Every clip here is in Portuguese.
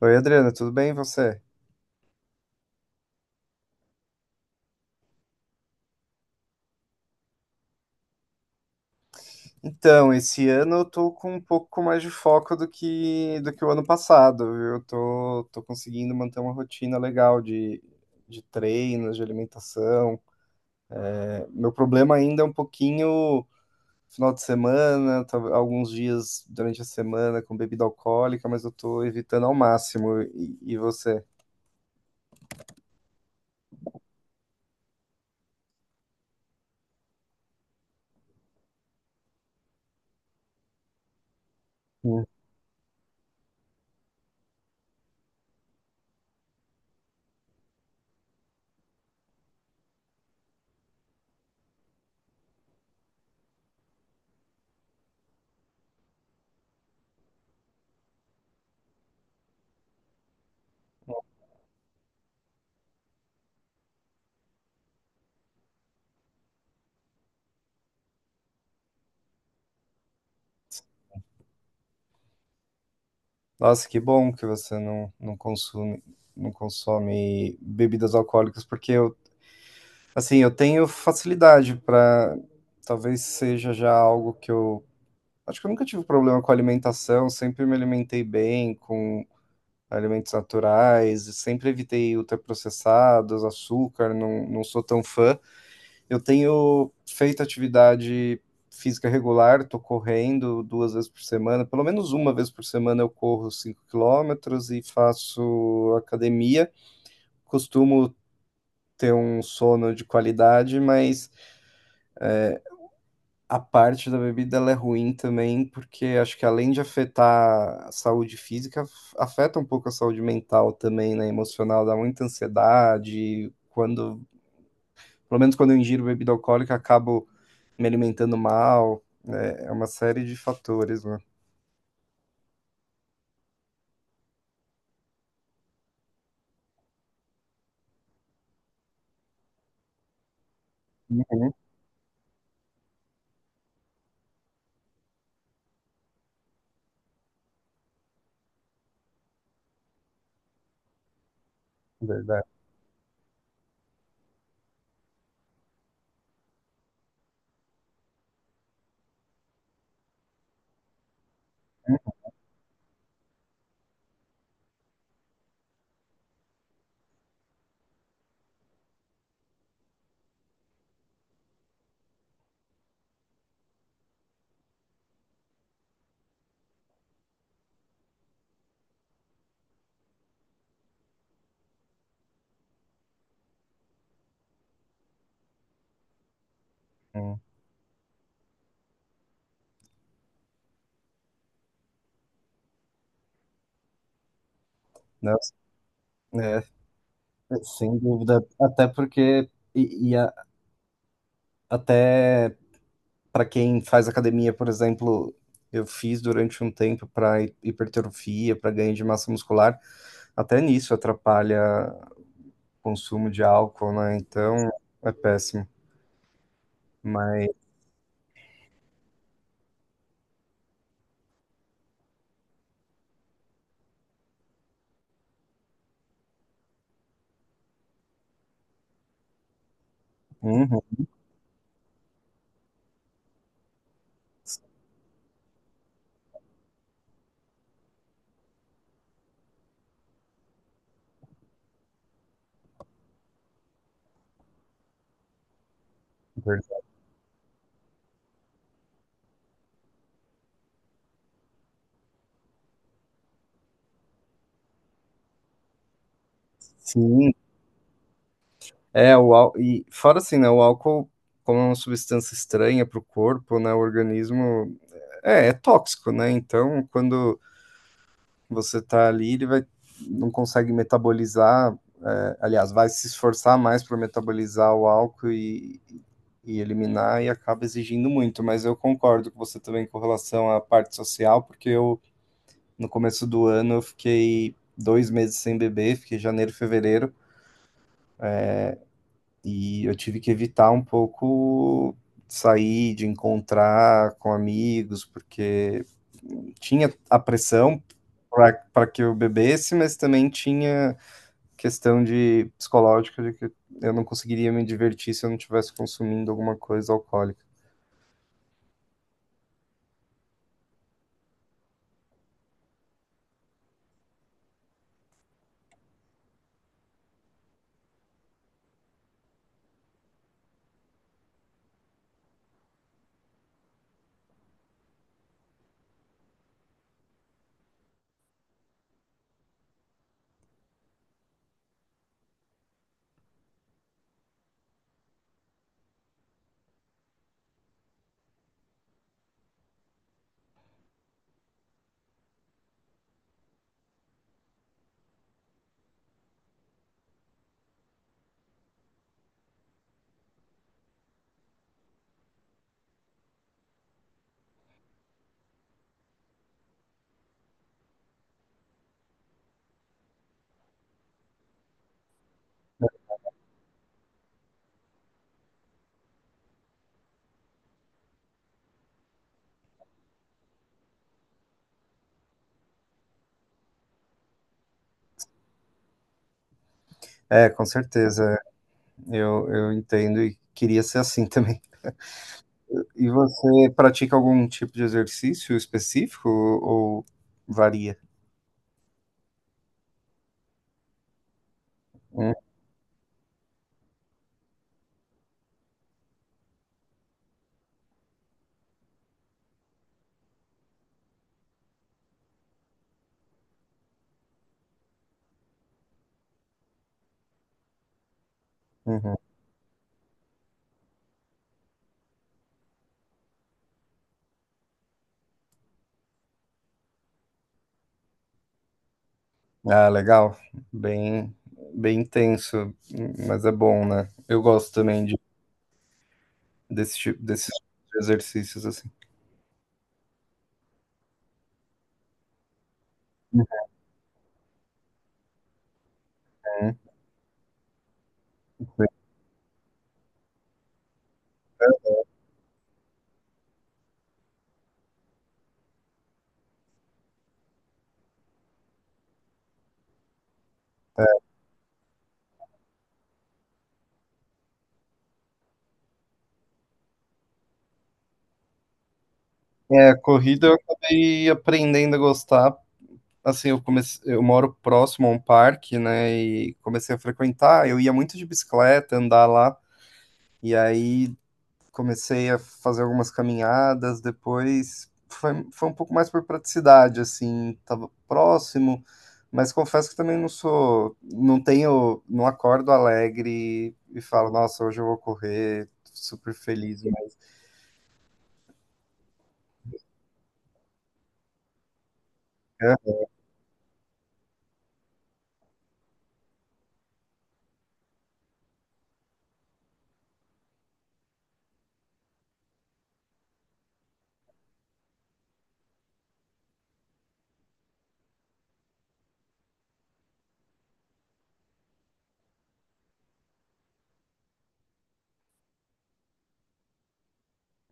Oi, Adriana, tudo bem e você? Então, esse ano eu tô com um pouco mais de foco do que o ano passado, viu? Eu tô conseguindo manter uma rotina legal de treinos, de alimentação. Meu problema ainda é um pouquinho final de semana, alguns dias durante a semana com bebida alcoólica, mas eu tô evitando ao máximo. E você? Hum. Nossa, que bom que você não consome, não consome bebidas alcoólicas, porque eu. Assim, eu tenho facilidade para. Talvez seja já algo que eu. Acho que eu nunca tive problema com alimentação, sempre me alimentei bem, com alimentos naturais, sempre evitei ultraprocessados, açúcar, não sou tão fã. Eu tenho feito atividade física regular, tô correndo duas vezes por semana, pelo menos uma vez por semana eu corro 5 quilômetros e faço academia. Costumo ter um sono de qualidade, mas a parte da bebida ela é ruim também, porque acho que além de afetar a saúde física, afeta um pouco a saúde mental também, né? Emocional, dá muita ansiedade. Quando, pelo menos quando eu ingiro bebida alcoólica, acabo me alimentando mal. É, é uma série de fatores, né? Uhum, verdade. Hum. Nossa, é, sem dúvida. Até porque, e, e a- até. Para quem faz academia, por exemplo, eu fiz durante um tempo para hipertrofia, para ganho de massa muscular, até nisso atrapalha o consumo de álcool, né? Então é péssimo. Mas, uhum, verdade. Sim, é o álcool. E fora assim, né? O álcool, como é uma substância estranha para o corpo, né? O organismo é, é tóxico, né? Então, quando você tá ali, ele vai, não consegue metabolizar, é, aliás, vai se esforçar mais para metabolizar o álcool e eliminar e acaba exigindo muito. Mas eu concordo com você também com relação à parte social, porque eu, no começo do ano, eu fiquei dois meses sem beber, fiquei janeiro, fevereiro, e eu tive que evitar um pouco sair, de encontrar com amigos, porque tinha a pressão para que eu bebesse, mas também tinha questão de psicológica de que eu não conseguiria me divertir se eu não estivesse consumindo alguma coisa alcoólica. É, com certeza. Eu entendo e queria ser assim também. E você pratica algum tipo de exercício específico ou varia? Hum, Uhum. Ah, legal. Bem, bem intenso, mas é bom, né? Eu gosto também de, desse tipo, desses exercícios assim. Uhum. É, corrida eu acabei aprendendo a gostar assim, eu comecei, eu moro próximo a um parque, né, e comecei a frequentar, eu ia muito de bicicleta, andar lá, e aí comecei a fazer algumas caminhadas, depois foi, foi um pouco mais por praticidade, assim, tava próximo, mas confesso que também não sou, não tenho, não acordo alegre e falo, nossa, hoje eu vou correr, super feliz, né?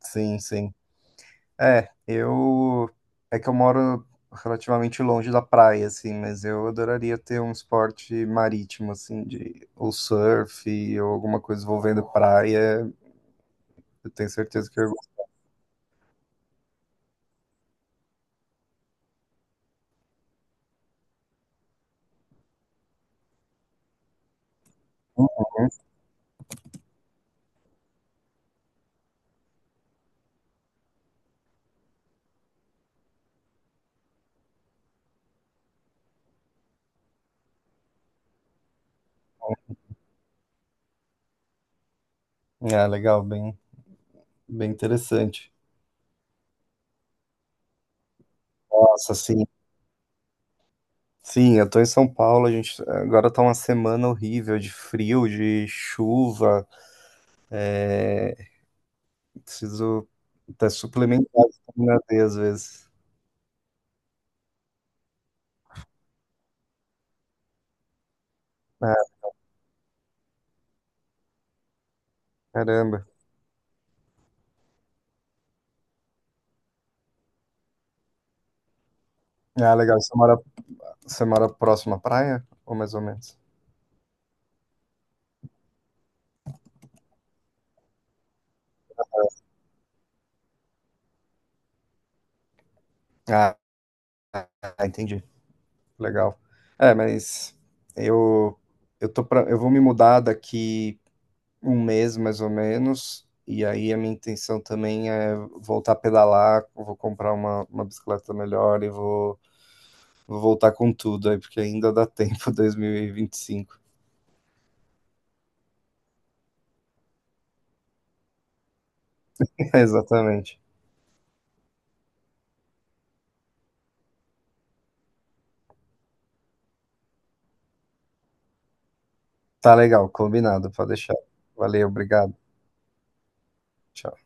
Sim, sim. É, eu. É que eu moro relativamente longe da praia, assim, mas eu adoraria ter um esporte marítimo, assim, de ou surf ou alguma coisa envolvendo praia. Eu tenho certeza que eu gosto. Ah, legal, bem, bem interessante. Nossa, sim. Sim, eu tô em São Paulo, a gente agora tá uma semana horrível de frio, de chuva. É, preciso até suplementar a vitamina D às vezes. Ah, caramba. Ah, legal, você mora. Você mora próximo à praia? Ou mais ou menos? Ah, ah, entendi. Legal. É, mas eu. Eu vou me mudar daqui um mês mais ou menos, e aí a minha intenção também é voltar a pedalar, eu vou comprar uma bicicleta melhor e vou, vou voltar com tudo aí, porque ainda dá tempo, 2025. Exatamente. Tá legal, combinado, pode deixar. Valeu, obrigado. Tchau.